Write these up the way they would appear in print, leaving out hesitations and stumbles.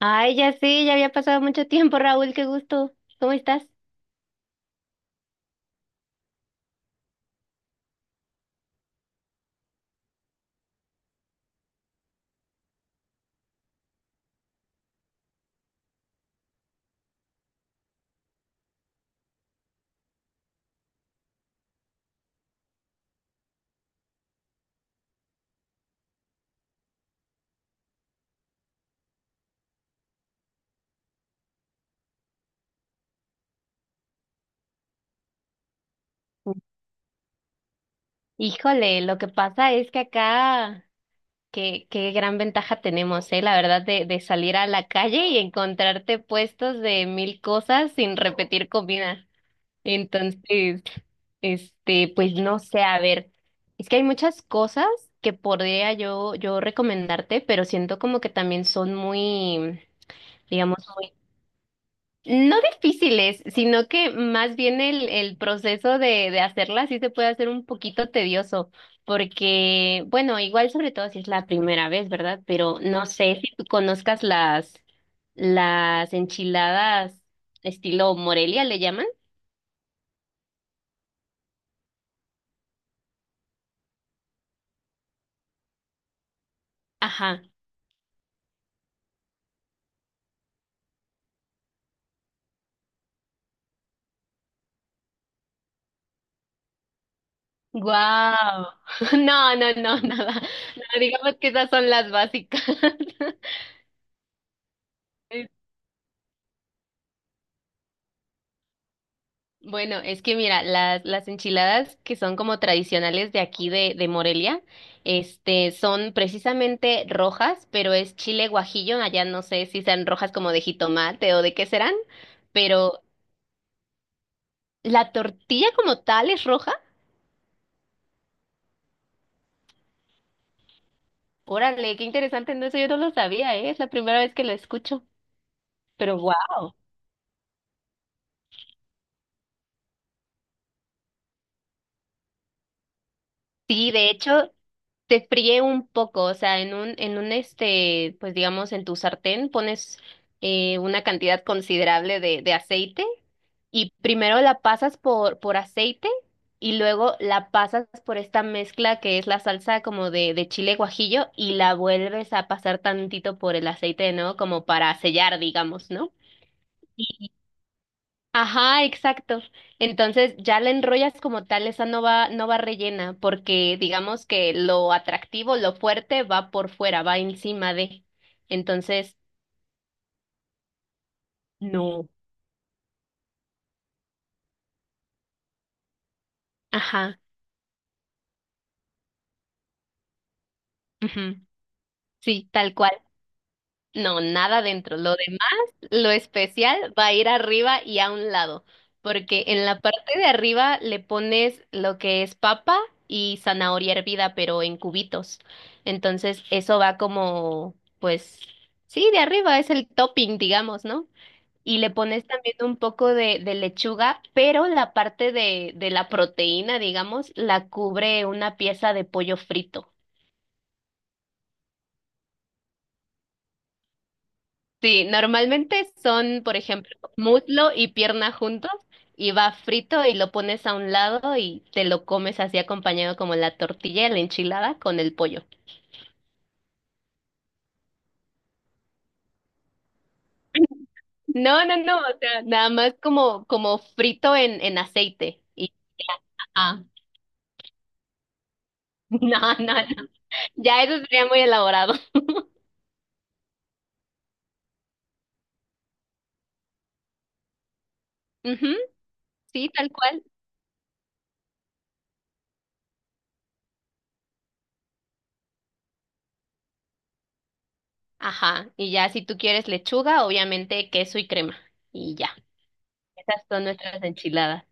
Ay, ya sé, ya había pasado mucho tiempo, Raúl, qué gusto. ¿Cómo estás? Híjole, lo que pasa es que acá, qué gran ventaja tenemos, la verdad, de salir a la calle y encontrarte puestos de mil cosas sin repetir comida. Entonces, pues no sé, a ver, es que hay muchas cosas que podría yo recomendarte, pero siento como que también son muy, digamos, no difíciles, sino que más bien el proceso de hacerla sí se puede hacer un poquito tedioso, porque, bueno, igual sobre todo si es la primera vez, ¿verdad? Pero no sé si tú conozcas las enchiladas estilo Morelia, ¿le llaman? Ajá. Guau. No, no, no, nada. No, digamos que esas son las básicas. Bueno, es que mira, las enchiladas que son como tradicionales de aquí de Morelia, este, son precisamente rojas, pero es chile guajillo, allá no sé si sean rojas como de jitomate o de qué serán, pero la tortilla como tal es roja. Órale, qué interesante, no, eso yo no lo sabía, ¿eh? Es la primera vez que lo escucho, pero wow. Sí, de hecho, se fríe un poco, o sea, en un este, pues digamos, en tu sartén pones una cantidad considerable de aceite y primero la pasas por aceite y luego la pasas por esta mezcla que es la salsa como de chile guajillo y la vuelves a pasar tantito por el aceite de nuevo como para sellar, digamos, ¿no? Ajá, exacto. Entonces ya la enrollas como tal, esa no va, no va rellena, porque digamos que lo atractivo, lo fuerte va por fuera, va encima de. Entonces, no. Ajá. Ujú, sí, tal cual. No, nada dentro. Lo demás, lo especial, va a ir arriba y a un lado, porque en la parte de arriba le pones lo que es papa y zanahoria hervida, pero en cubitos. Entonces, eso va como, pues, sí, de arriba es el topping, digamos, ¿no? Y le pones también un poco de lechuga, pero la parte de la proteína, digamos, la cubre una pieza de pollo frito. Sí, normalmente son, por ejemplo, muslo y pierna juntos y va frito y lo pones a un lado y te lo comes así acompañado como la tortilla y la enchilada con el pollo. No, no, no, o sea, nada más como, como frito en aceite. Y ya. Ajá. No, no, no. Ya eso sería muy elaborado. Ujú, sí, tal cual. Ajá. Y ya si tú quieres lechuga, obviamente queso y crema. Y ya. Esas son nuestras enchiladas.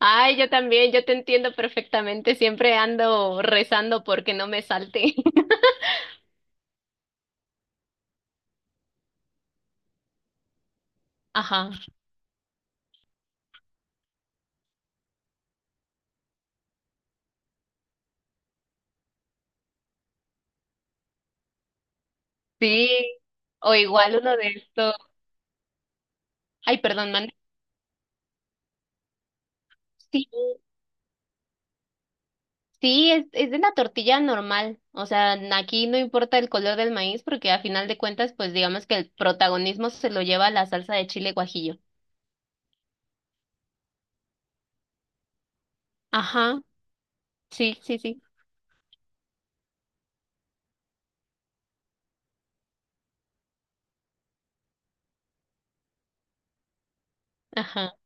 Ay, yo también, yo te entiendo perfectamente. Siempre ando rezando porque no me salte. Ajá. Sí. O igual uno de estos. Ay, perdón, mande. Sí, sí, es de la tortilla normal. O sea, aquí no importa el color del maíz porque a final de cuentas, pues digamos que el protagonismo se lo lleva la salsa de chile guajillo. Ajá. Sí, sí, sí. Ajá.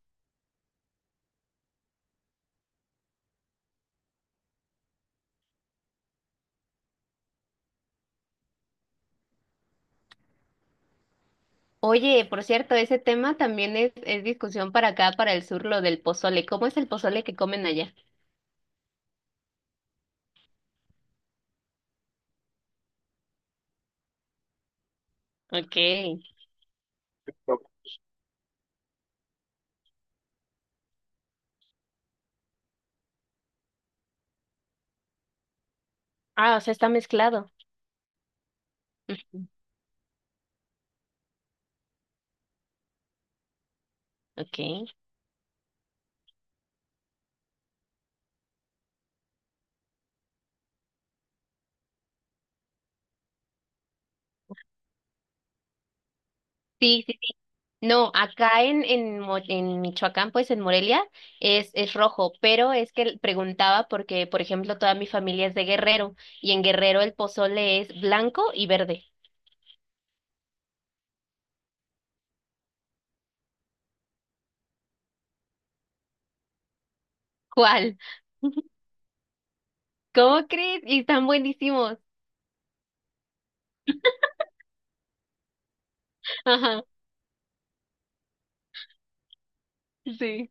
Oye, por cierto, ese tema también es discusión para acá, para el sur, lo del pozole. ¿Cómo es el pozole que comen allá? Ok. Ah, o sea, está mezclado. Ujú, ok. Sí, sí, sí. No, acá en Michoacán, pues en Morelia, es rojo, pero es que preguntaba porque, por ejemplo, toda mi familia es de Guerrero y en Guerrero el pozole es blanco y verde. ¿Cuál? ¿Cómo crees? Y están buenísimos. Ajá, sí.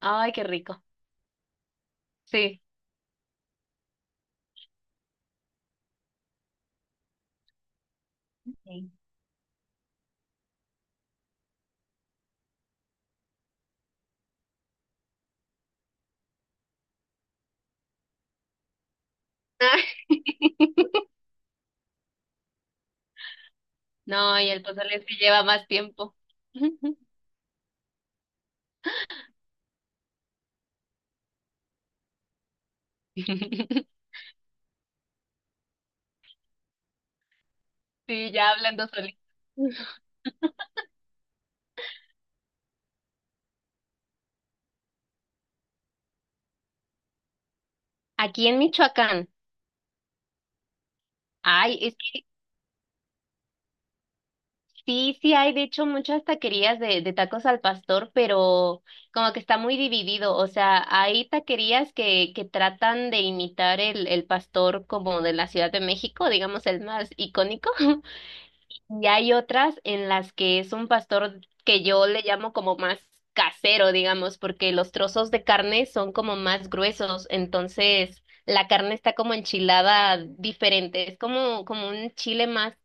Ay, qué rico. Sí. Sí. No, y el pozole es que lleva más tiempo. Sí, ya hablando solito. Aquí en Michoacán. Ay, es que sí, sí hay, de hecho, muchas taquerías de tacos al pastor, pero como que está muy dividido. O sea, hay taquerías que tratan de imitar el pastor como de la Ciudad de México, digamos el más icónico, y hay otras en las que es un pastor que yo le llamo como más casero, digamos, porque los trozos de carne son como más gruesos, entonces la carne está como enchilada diferente, es como, como un chile más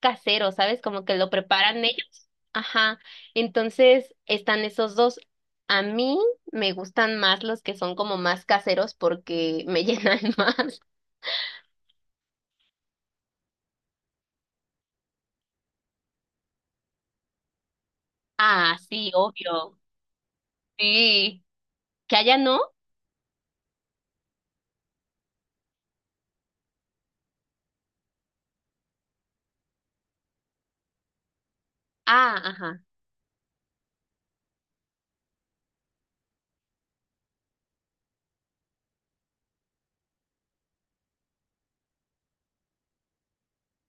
casero, ¿sabes? Como que lo preparan ellos. Ajá. Entonces están esos dos. A mí me gustan más los que son como más caseros porque me llenan más. Ah, sí, obvio. Sí. ¿Que allá no? Ah, ajá.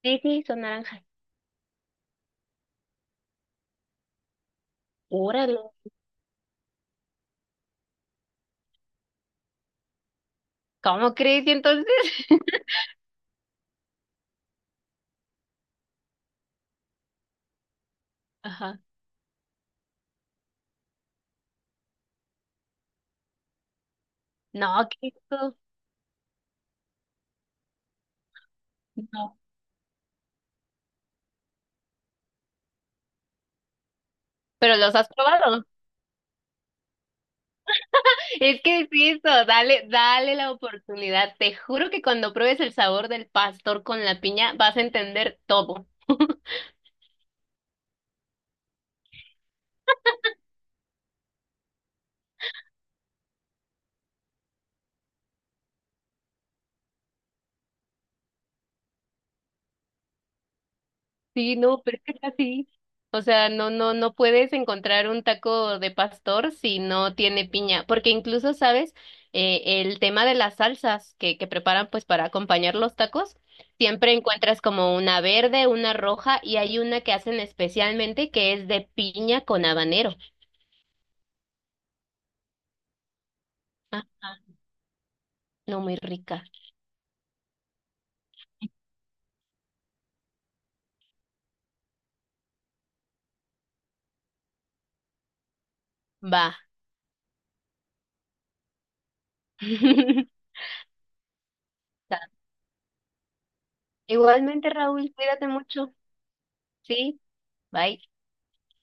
Sí, sí, son naranjas. Órale. ¿Cómo crees? ¿Y entonces? Ajá. No, qué rico. No. ¿Pero los has probado? Es que es eso, dale, dale la oportunidad. Te juro que cuando pruebes el sabor del pastor con la piña, vas a entender todo. Sí, no, pero es que es así. O sea, no, no, no puedes encontrar un taco de pastor si no tiene piña, porque incluso, ¿sabes? El tema de las salsas que preparan pues para acompañar los tacos, siempre encuentras como una verde, una roja y hay una que hacen especialmente que es de piña con habanero. Ajá. No, muy rica. Va. Igualmente, Raúl, cuídate mucho. Sí, bye.